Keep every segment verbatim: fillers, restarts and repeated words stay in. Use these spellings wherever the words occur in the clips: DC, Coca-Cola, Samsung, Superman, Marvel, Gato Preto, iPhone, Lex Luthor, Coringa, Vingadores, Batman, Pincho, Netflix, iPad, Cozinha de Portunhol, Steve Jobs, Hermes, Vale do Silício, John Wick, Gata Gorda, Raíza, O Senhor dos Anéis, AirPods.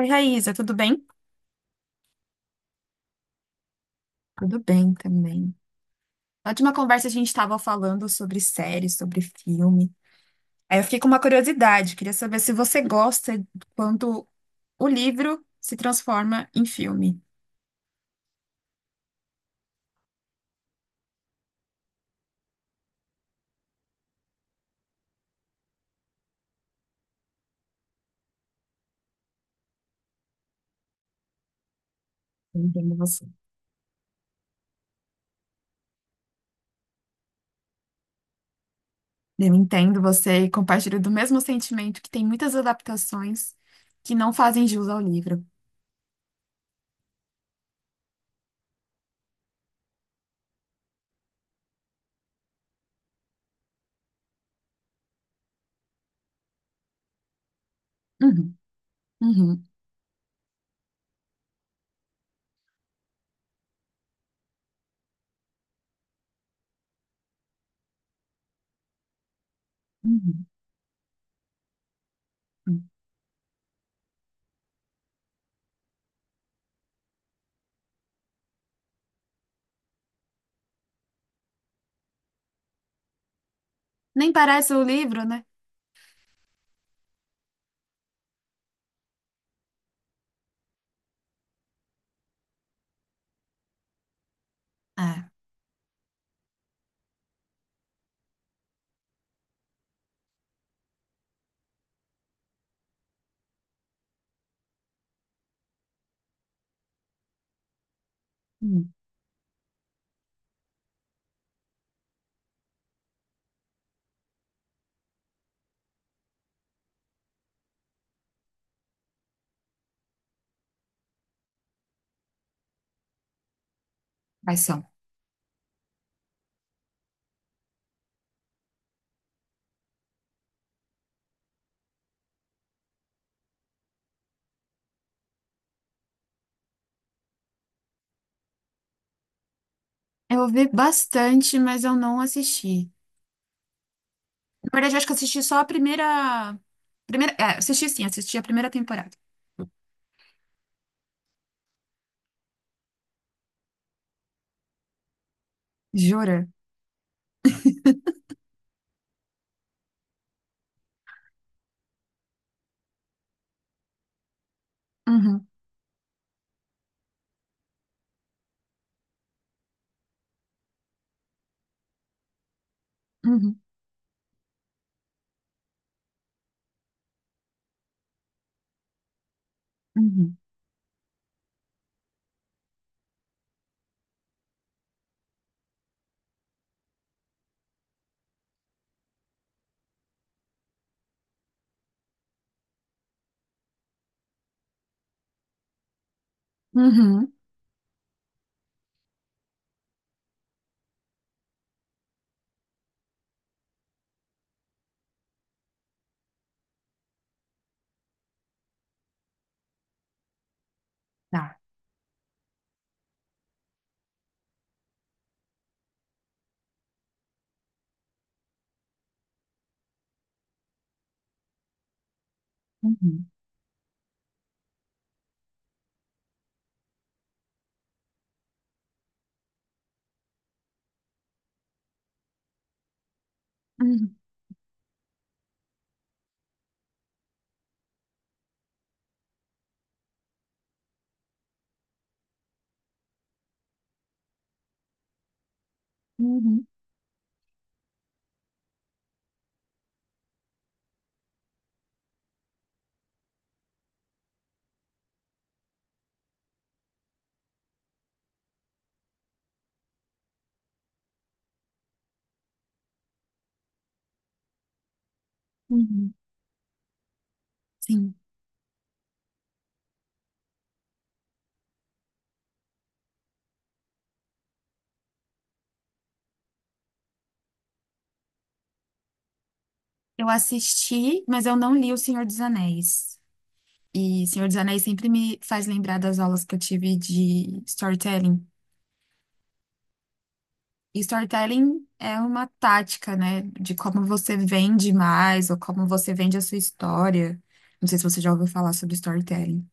Oi, Raíza, tudo bem? Tudo bem também. Na última conversa a gente estava falando sobre séries, sobre filme. Aí eu fiquei com uma curiosidade, queria saber se você gosta quando o livro se transforma em filme. Eu entendo você. Eu entendo você e compartilho do mesmo sentimento que tem muitas adaptações que não fazem jus ao livro. Uhum, uhum, uhum, uhum. Nem parece o livro, né? É, hum, quais são? Eu ouvi bastante, mas eu não assisti. Na verdade, eu acho que eu assisti só a primeira. Primeira. É, assisti sim, assisti a primeira temporada. Jura? Uhum, uhum, uhum, uhum. Tá. Uhum. Uhum, uhum, uhum. Sim, eu assisti, mas eu não li O Senhor dos Anéis. E Senhor dos Anéis sempre me faz lembrar das aulas que eu tive de storytelling. E storytelling é uma tática, né, de como você vende mais ou como você vende a sua história. Não sei se você já ouviu falar sobre storytelling.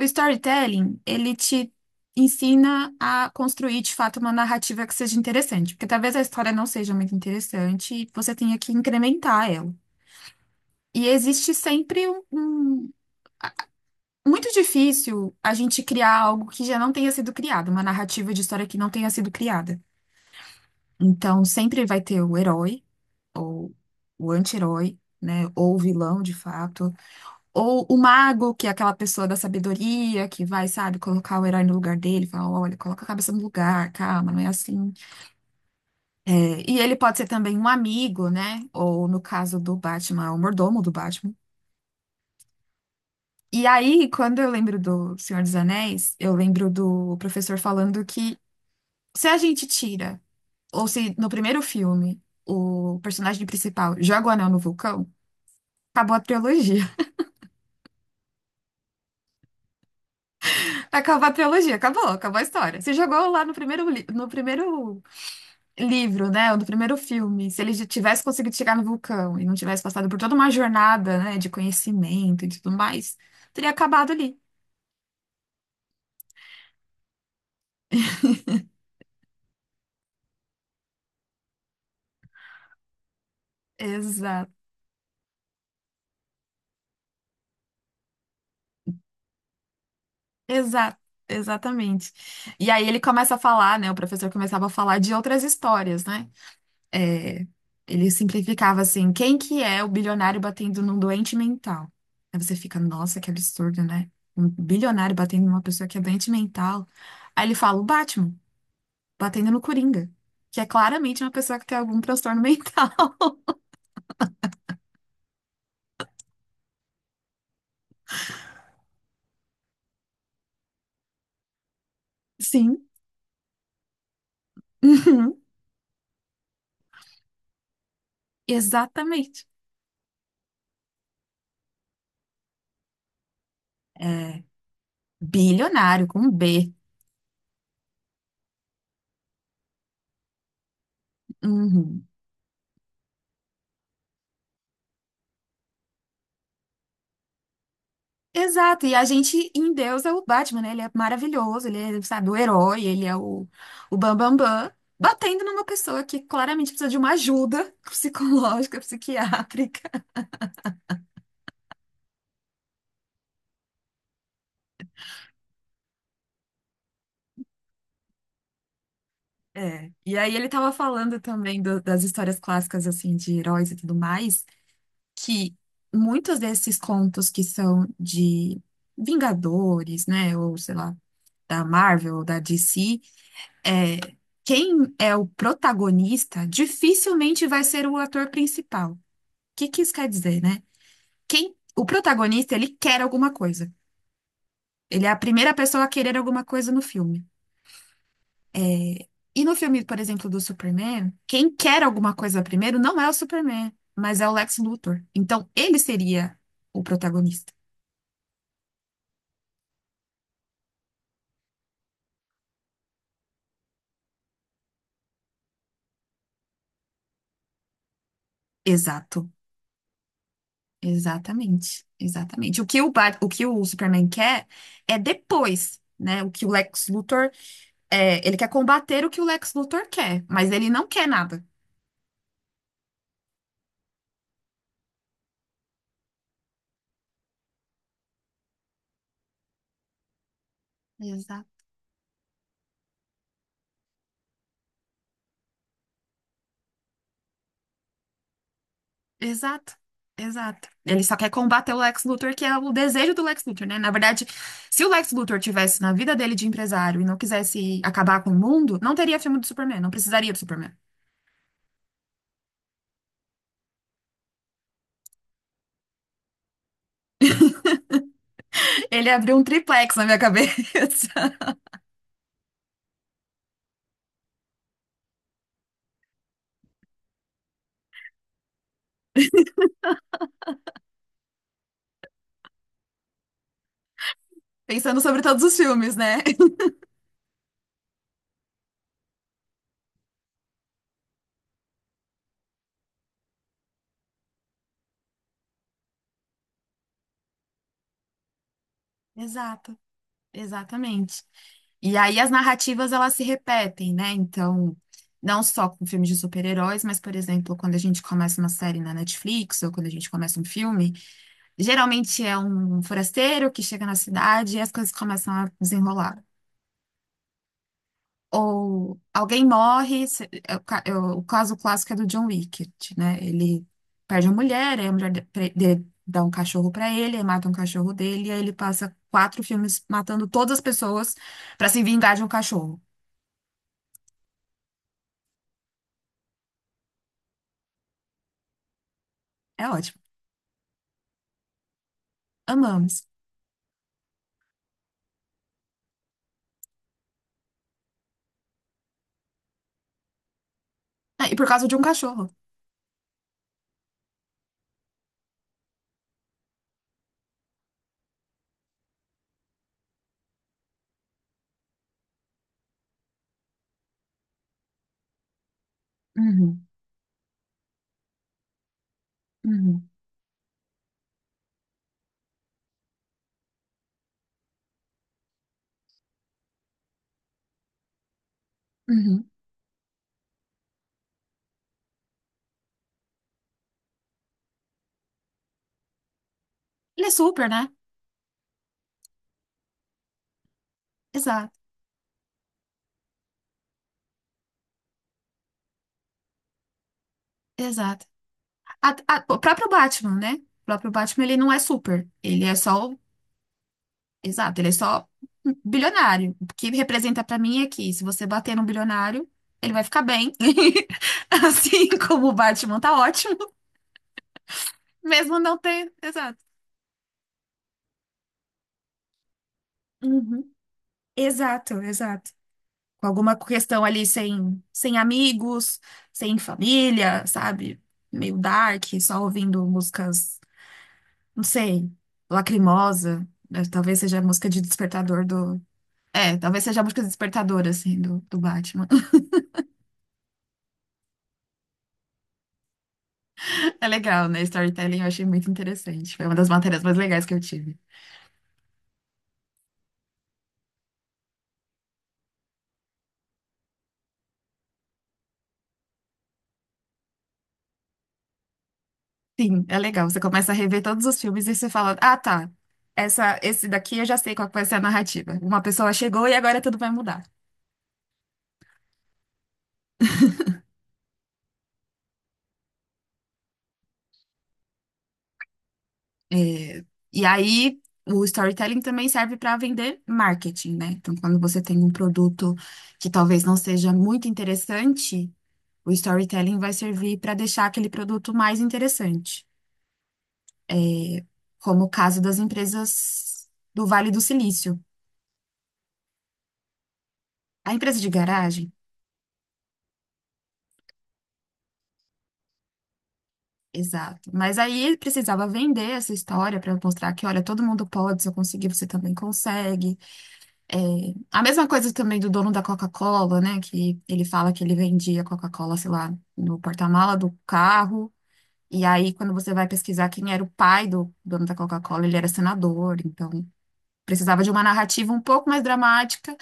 O storytelling, ele te ensina a construir de fato uma narrativa que seja interessante, porque talvez a história não seja muito interessante e você tenha que incrementar ela. E existe sempre um, um- Muito difícil a gente criar algo que já não tenha sido criado, uma narrativa de história que não tenha sido criada. Então, sempre vai ter o herói, ou o anti-herói, né? Ou o vilão, de fato. Ou o mago, que é aquela pessoa da sabedoria, que vai, sabe, colocar o herói no lugar dele, fala, olha, coloca a cabeça no lugar, calma, não é assim. É, e ele pode ser também um amigo, né? Ou no caso do Batman, o mordomo do Batman. E aí, quando eu lembro do Senhor dos Anéis, eu lembro do professor falando que se a gente tira, ou se no primeiro filme, o personagem principal joga o anel no vulcão, acabou a trilogia. Acabou a trilogia, acabou, acabou a história. Você jogou lá no primeiro, li- no primeiro livro, né? Ou do primeiro filme, se ele já tivesse conseguido chegar no vulcão e não tivesse passado por toda uma jornada, né, de conhecimento e tudo mais, teria acabado ali. Exato, exato, exatamente. E aí ele começa a falar, né? O professor começava a falar de outras histórias, né? É, ele simplificava assim: quem que é o bilionário batendo num doente mental? Aí você fica, nossa, que absurdo, né? Um bilionário batendo numa pessoa que é doente mental. Aí ele fala, o Batman batendo no Coringa, que é claramente uma pessoa que tem algum transtorno mental. Sim, uhum, exatamente. É, bilionário, com B. Uhum. Exato, e a gente em Deus é o Batman, né? Ele é maravilhoso, ele é, sabe, o herói, ele é o, o bam, bam, bam, batendo numa pessoa que claramente precisa de uma ajuda psicológica, psiquiátrica. É. E aí ele tava falando também do- das histórias clássicas, assim, de heróis e tudo mais, que muitos desses contos que são de Vingadores, né, ou sei lá, da Marvel ou da D C, é, quem é o protagonista dificilmente vai ser o ator principal. O Que que isso quer dizer, né? Quem, o protagonista, ele quer alguma coisa. Ele é a primeira pessoa a querer alguma coisa no filme. É, e no filme, por exemplo, do Superman, quem quer alguma coisa primeiro não é o Superman, mas é o Lex Luthor. Então, ele seria o protagonista. Exato. Exatamente, exatamente. O que o, Bat- o que o Superman quer é depois, né? O que o Lex Luthor é, ele quer combater o que o Lex Luthor quer, mas ele não quer nada. Exato. Exato, exato. Ele só quer combater o Lex Luthor, que é o desejo do Lex Luthor, né? Na verdade, se o Lex Luthor tivesse na vida dele de empresário e não quisesse acabar com o mundo, não teria filme do Superman, não precisaria do Superman. Ele abriu um triplex na minha cabeça, pensando sobre todos os filmes, né? Exato. Exatamente. E aí as narrativas elas se repetem, né? Então, não só com filmes de super-heróis, mas, por exemplo, quando a gente começa uma série na Netflix ou quando a gente começa um filme, geralmente é um forasteiro que chega na cidade e as coisas começam a desenrolar. Ou alguém morre, se- é o ca- é o o caso clássico é do John Wick, né? Ele perde a mulher, aí a mulher de- pre- de- dá um cachorro pra ele, aí mata um cachorro dele, e aí ele passa quatro filmes matando todas as pessoas pra se vingar de um cachorro. É ótimo. Amamos. Ah, e por causa de um cachorro. Uhum, uhum, uhum. Ele é super, né? Exato, exato. A- a- o próprio Batman, né? O próprio Batman, ele não é super. Ele é só Exato, ele é só um bilionário. O que representa pra mim é que se você bater num bilionário, ele vai ficar bem. Assim como o Batman tá ótimo, mesmo não ter. Exato. Uhum. Exato, exato. Com alguma questão ali sem, sem amigos, sem família, sabe? Meio dark, só ouvindo músicas, não sei, lacrimosa. Né? Talvez seja a música de despertador do. É, talvez seja a música despertadora, assim, do, do Batman. É legal, né? Storytelling eu achei muito interessante. Foi uma das matérias mais legais que eu tive. Sim, é legal. Você começa a rever todos os filmes e você fala: Ah, tá. Essa, esse daqui eu já sei qual que vai ser a narrativa. Uma pessoa chegou e agora tudo vai mudar. É, e aí, o storytelling também serve para vender marketing, né? Então, quando você tem um produto que talvez não seja muito interessante, o storytelling vai servir para deixar aquele produto mais interessante, como o caso das empresas do Vale do Silício. A empresa de garagem? Exato. Mas aí ele precisava vender essa história para mostrar que, olha, todo mundo pode, se eu conseguir, você também consegue. É, a mesma coisa também do dono da Coca-Cola, né? Que ele fala que ele vendia Coca-Cola, sei lá, no porta-mala do carro. E aí, quando você vai pesquisar quem era o pai do dono da Coca-Cola, ele era senador. Então, precisava de uma narrativa um pouco mais dramática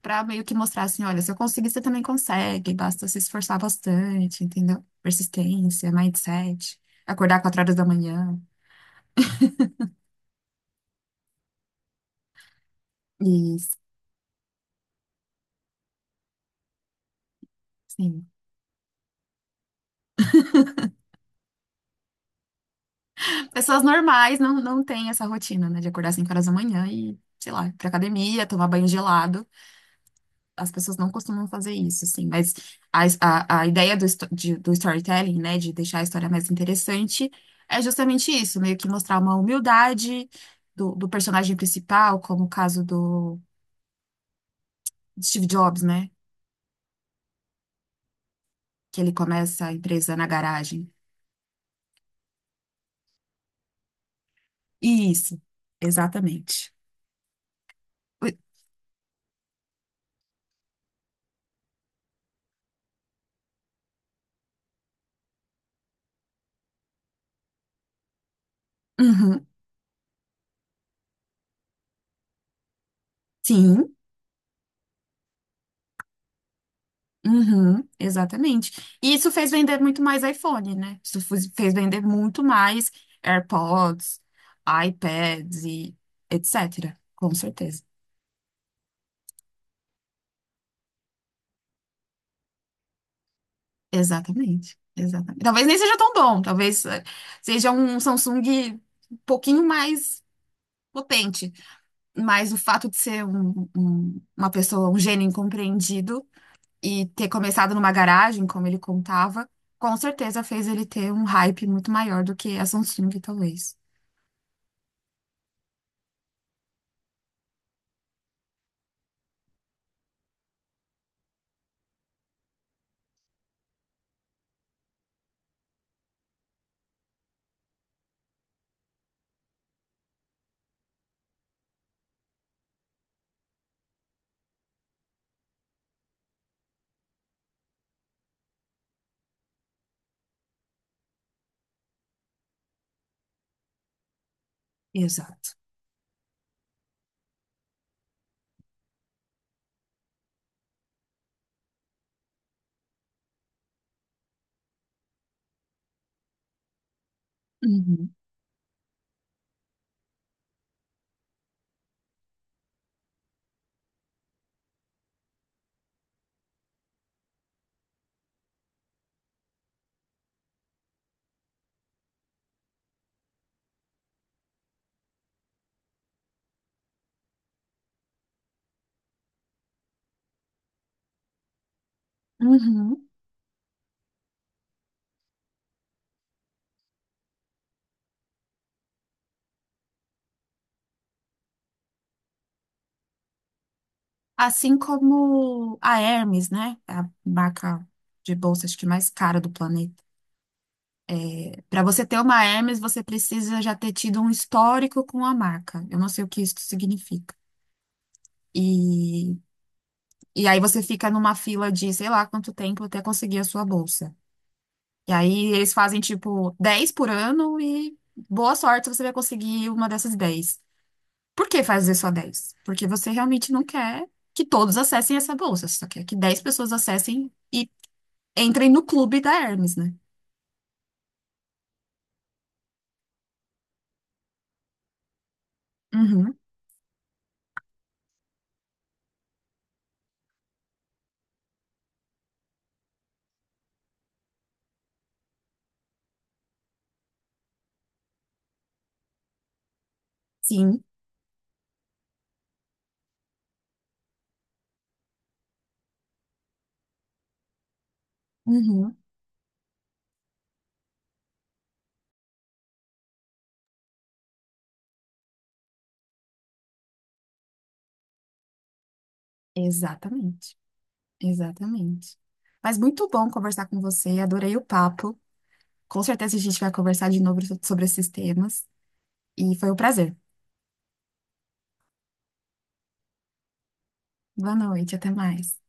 pra meio que mostrar assim, olha, se eu conseguir, você também consegue, basta se esforçar bastante, entendeu? Persistência, mindset, acordar quatro horas da manhã. Isso, sim. Pessoas normais não, não têm essa rotina, né, de acordar cinco horas da manhã e, sei lá, ir pra academia, tomar banho gelado. As pessoas não costumam fazer isso, assim, mas a, a, a ideia do, esto- de- do storytelling, né, de deixar a história mais interessante, é justamente isso, meio que mostrar uma humildade do, do personagem principal, como o caso do de Steve Jobs, né? Que ele começa a empresa na garagem. Isso, exatamente. Ui, uhum, sim, uhum, exatamente. E isso fez vender muito mais iPhone, né? Isso fu- fez vender muito mais AirPods, iPads e et cetera. Com certeza. Exatamente, exatamente. Talvez nem seja tão bom, talvez eh, seja um Samsung um pouquinho mais potente, mas o fato de ser um- um- uma pessoa, um gênio incompreendido, e ter começado numa garagem, como ele contava, com certeza fez ele ter um hype muito maior do que a Samsung, talvez. Exato. Uhum. Uhum. Assim como a Hermes, né? É a marca de bolsa, acho que mais cara do planeta. Para você ter uma Hermes, você precisa já ter tido um histórico com a marca. Eu não sei o que isso significa. E, e aí você fica numa fila de sei lá quanto tempo até conseguir a sua bolsa. E aí eles fazem tipo dez por ano e boa sorte você vai conseguir uma dessas dez. Por que fazer só dez? Porque você realmente não quer que todos acessem essa bolsa, você só quer que dez pessoas acessem e entrem no clube da Hermes, né? Uhum, sim, uhum, exatamente, exatamente. Mas muito bom conversar com você, adorei o papo. Com certeza a gente vai conversar de novo sobre esses temas. E foi um prazer. Boa noite, até mais.